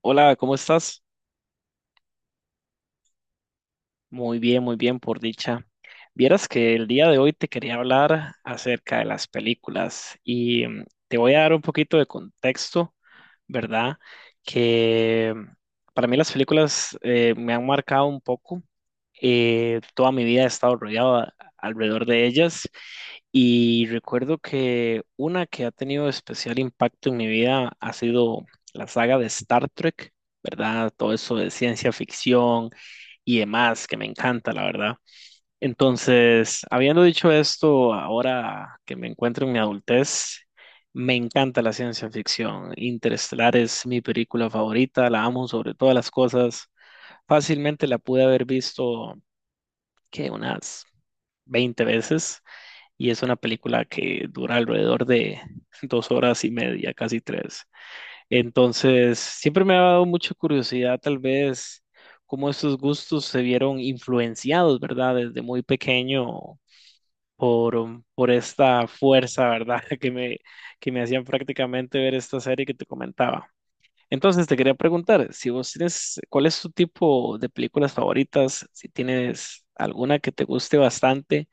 Hola, ¿cómo estás? Muy bien, por dicha. Vieras que el día de hoy te quería hablar acerca de las películas y te voy a dar un poquito de contexto, ¿verdad? Que para mí las películas me han marcado un poco. Toda mi vida he estado rodeado alrededor de ellas y recuerdo que una que ha tenido especial impacto en mi vida ha sido la saga de Star Trek, ¿verdad? Todo eso de ciencia ficción y demás, que me encanta, la verdad. Entonces, habiendo dicho esto, ahora que me encuentro en mi adultez, me encanta la ciencia ficción. Interestelar es mi película favorita, la amo sobre todas las cosas. Fácilmente la pude haber visto, que unas 20 veces y es una película que dura alrededor de 2 horas y media, casi 3. Entonces, siempre me ha dado mucha curiosidad, tal vez, cómo esos gustos se vieron influenciados, ¿verdad? Desde muy pequeño por esta fuerza, ¿verdad? Que me hacían prácticamente ver esta serie que te comentaba. Entonces, te quería preguntar, si vos tienes, ¿cuál es tu tipo de películas favoritas? Si tienes alguna que te guste bastante.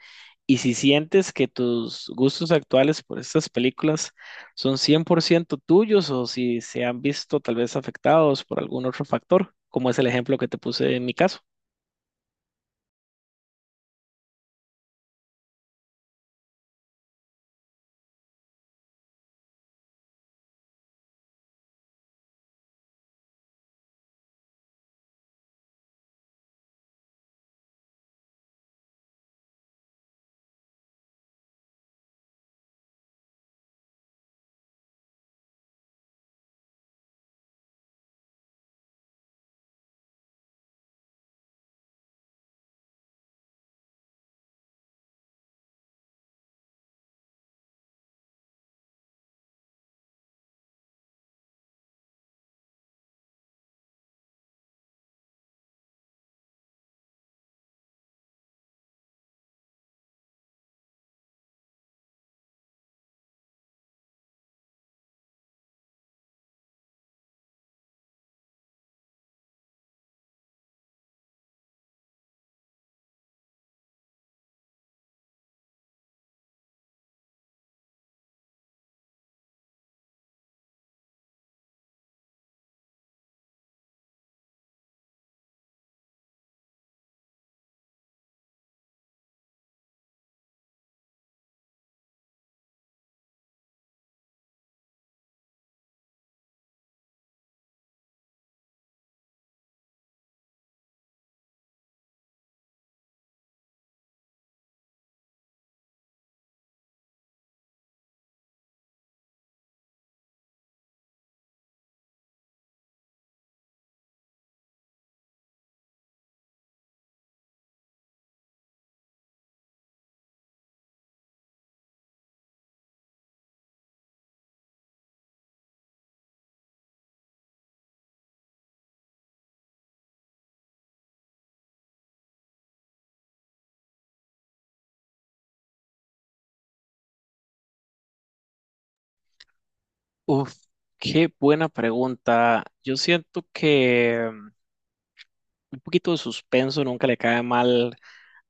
Y si sientes que tus gustos actuales por estas películas son 100% tuyos o si se han visto tal vez afectados por algún otro factor, como es el ejemplo que te puse en mi caso. Uf, qué buena pregunta. Yo siento que un poquito de suspenso nunca le cae mal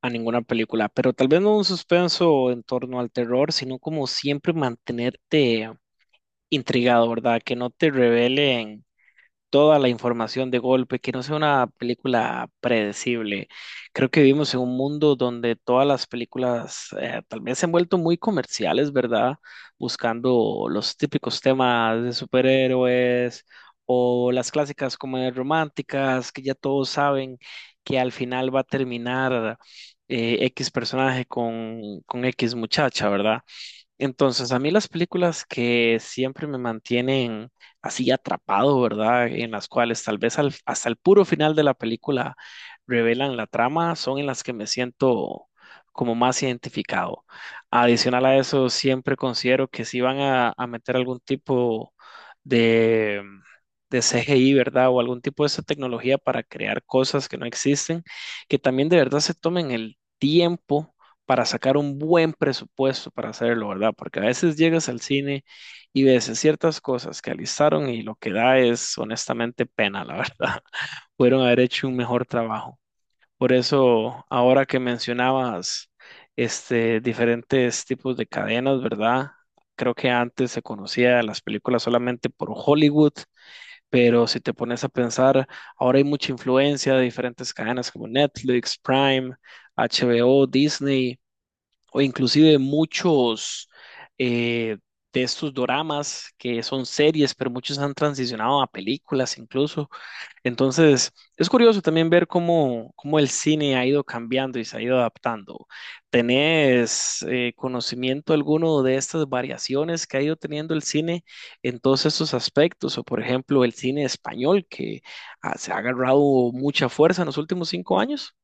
a ninguna película, pero tal vez no un suspenso en torno al terror, sino como siempre mantenerte intrigado, ¿verdad? Que no te revelen toda la información de golpe, que no sea una película predecible. Creo que vivimos en un mundo donde todas las películas tal vez se han vuelto muy comerciales, ¿verdad? Buscando los típicos temas de superhéroes o las clásicas comedias románticas que ya todos saben que al final va a terminar X personaje con X muchacha, ¿verdad? Entonces, a mí las películas que siempre me mantienen así atrapado, ¿verdad? En las cuales tal vez al- hasta el puro final de la película revelan la trama, son en las que me siento como más identificado. Adicional a eso, siempre considero que si van a meter algún tipo de, de CGI, ¿verdad? O algún tipo de esa tecnología para crear cosas que no existen, que también de verdad se tomen el tiempo para sacar un buen presupuesto para hacerlo, ¿verdad? Porque a veces llegas al cine y ves ciertas cosas que alistaron y lo que da es honestamente pena, la verdad. Pudieron haber hecho un mejor trabajo. Por eso, ahora que mencionabas diferentes tipos de cadenas, ¿verdad? Creo que antes se conocía las películas solamente por Hollywood, pero si te pones a pensar, ahora hay mucha influencia de diferentes cadenas como Netflix, Prime, HBO, Disney o inclusive muchos eh, de estos doramas que son series, pero muchos han transicionado a películas incluso. Entonces, es curioso también ver cómo el cine ha ido cambiando y se ha ido adaptando. ¿Tenés conocimiento alguno de estas variaciones que ha ido teniendo el cine en todos estos aspectos? O, por ejemplo, el cine español que se ha agarrado mucha fuerza en los últimos 5 años.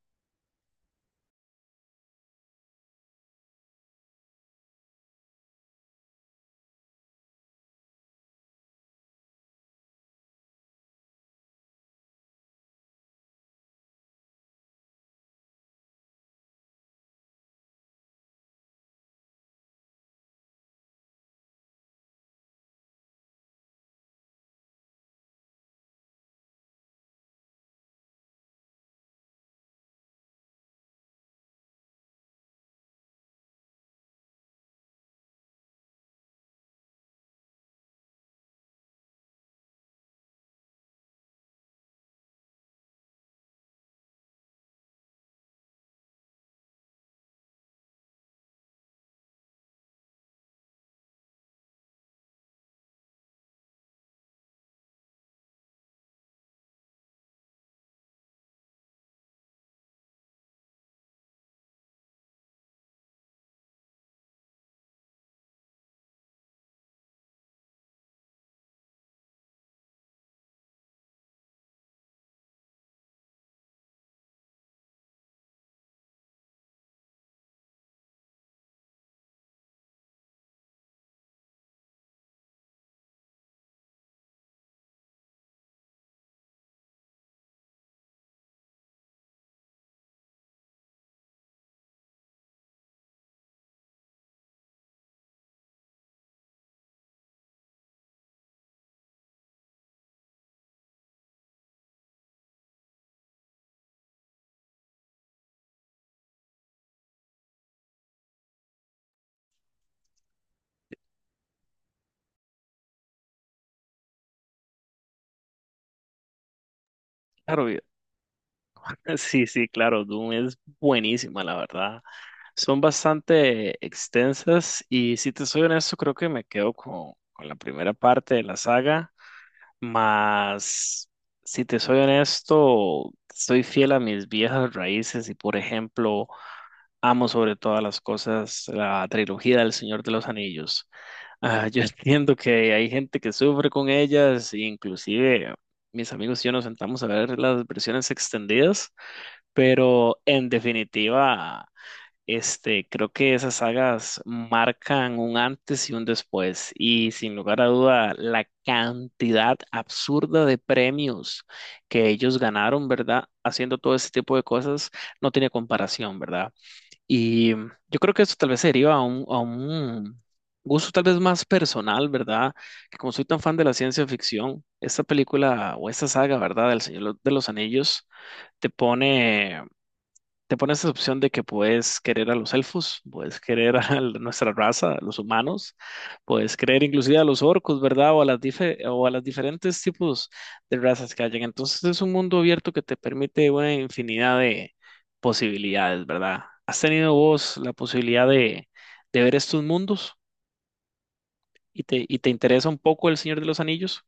Claro, sí, sí, claro, Doom es buenísima, la verdad. Son bastante extensas y si te soy honesto, creo que me quedo con la primera parte de la saga, más si te soy honesto, soy fiel a mis viejas raíces y por ejemplo, amo sobre todas las cosas la trilogía del Señor de los Anillos. Ah, yo entiendo que hay gente que sufre con ellas, inclusive mis amigos y yo nos sentamos a ver las versiones extendidas. Pero en definitiva, este, creo que esas sagas marcan un antes y un después. Y sin lugar a duda, la cantidad absurda de premios que ellos ganaron, ¿verdad? Haciendo todo ese tipo de cosas no tiene comparación, ¿verdad? Y yo creo que eso tal vez se deriva a un gusto tal vez más personal, ¿verdad? Que como soy tan fan de la ciencia ficción, esta película o esta saga, ¿verdad? Del Señor de los Anillos te pone te pones esa opción de que puedes querer a los elfos, puedes querer nuestra raza, a los humanos, puedes querer inclusive a los orcos, ¿verdad? O a las diferentes tipos de razas que hayan. Entonces es un mundo abierto que te permite una infinidad de posibilidades, ¿verdad? ¿Has tenido vos la posibilidad de ver estos mundos y te interesa un poco El Señor de los Anillos?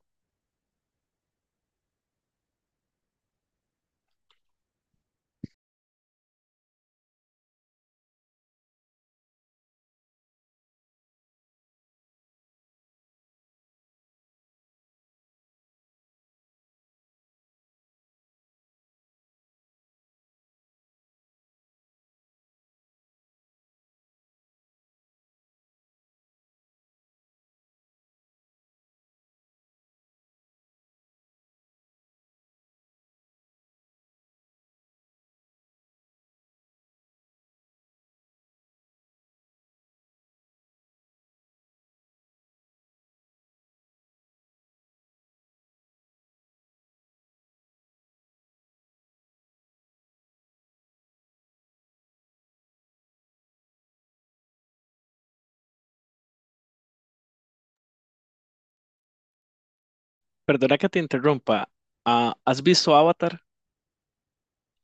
Perdona que te interrumpa. Ah, ¿has visto Avatar?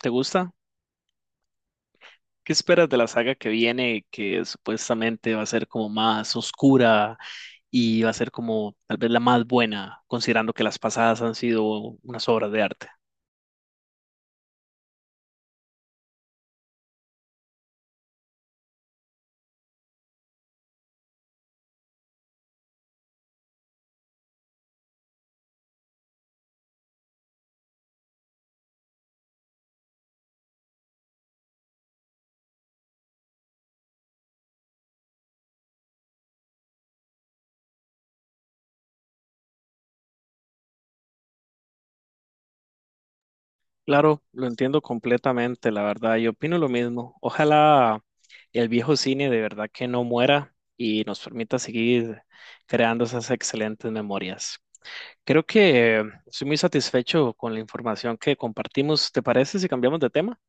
¿Te gusta? ¿Qué esperas de la saga que viene, que supuestamente va a ser como más oscura y va a ser como tal vez la más buena, considerando que las pasadas han sido unas obras de arte? Claro, lo entiendo completamente, la verdad, yo opino lo mismo. Ojalá el viejo cine de verdad que no muera y nos permita seguir creando esas excelentes memorias. Creo que estoy muy satisfecho con la información que compartimos. ¿Te parece si cambiamos de tema?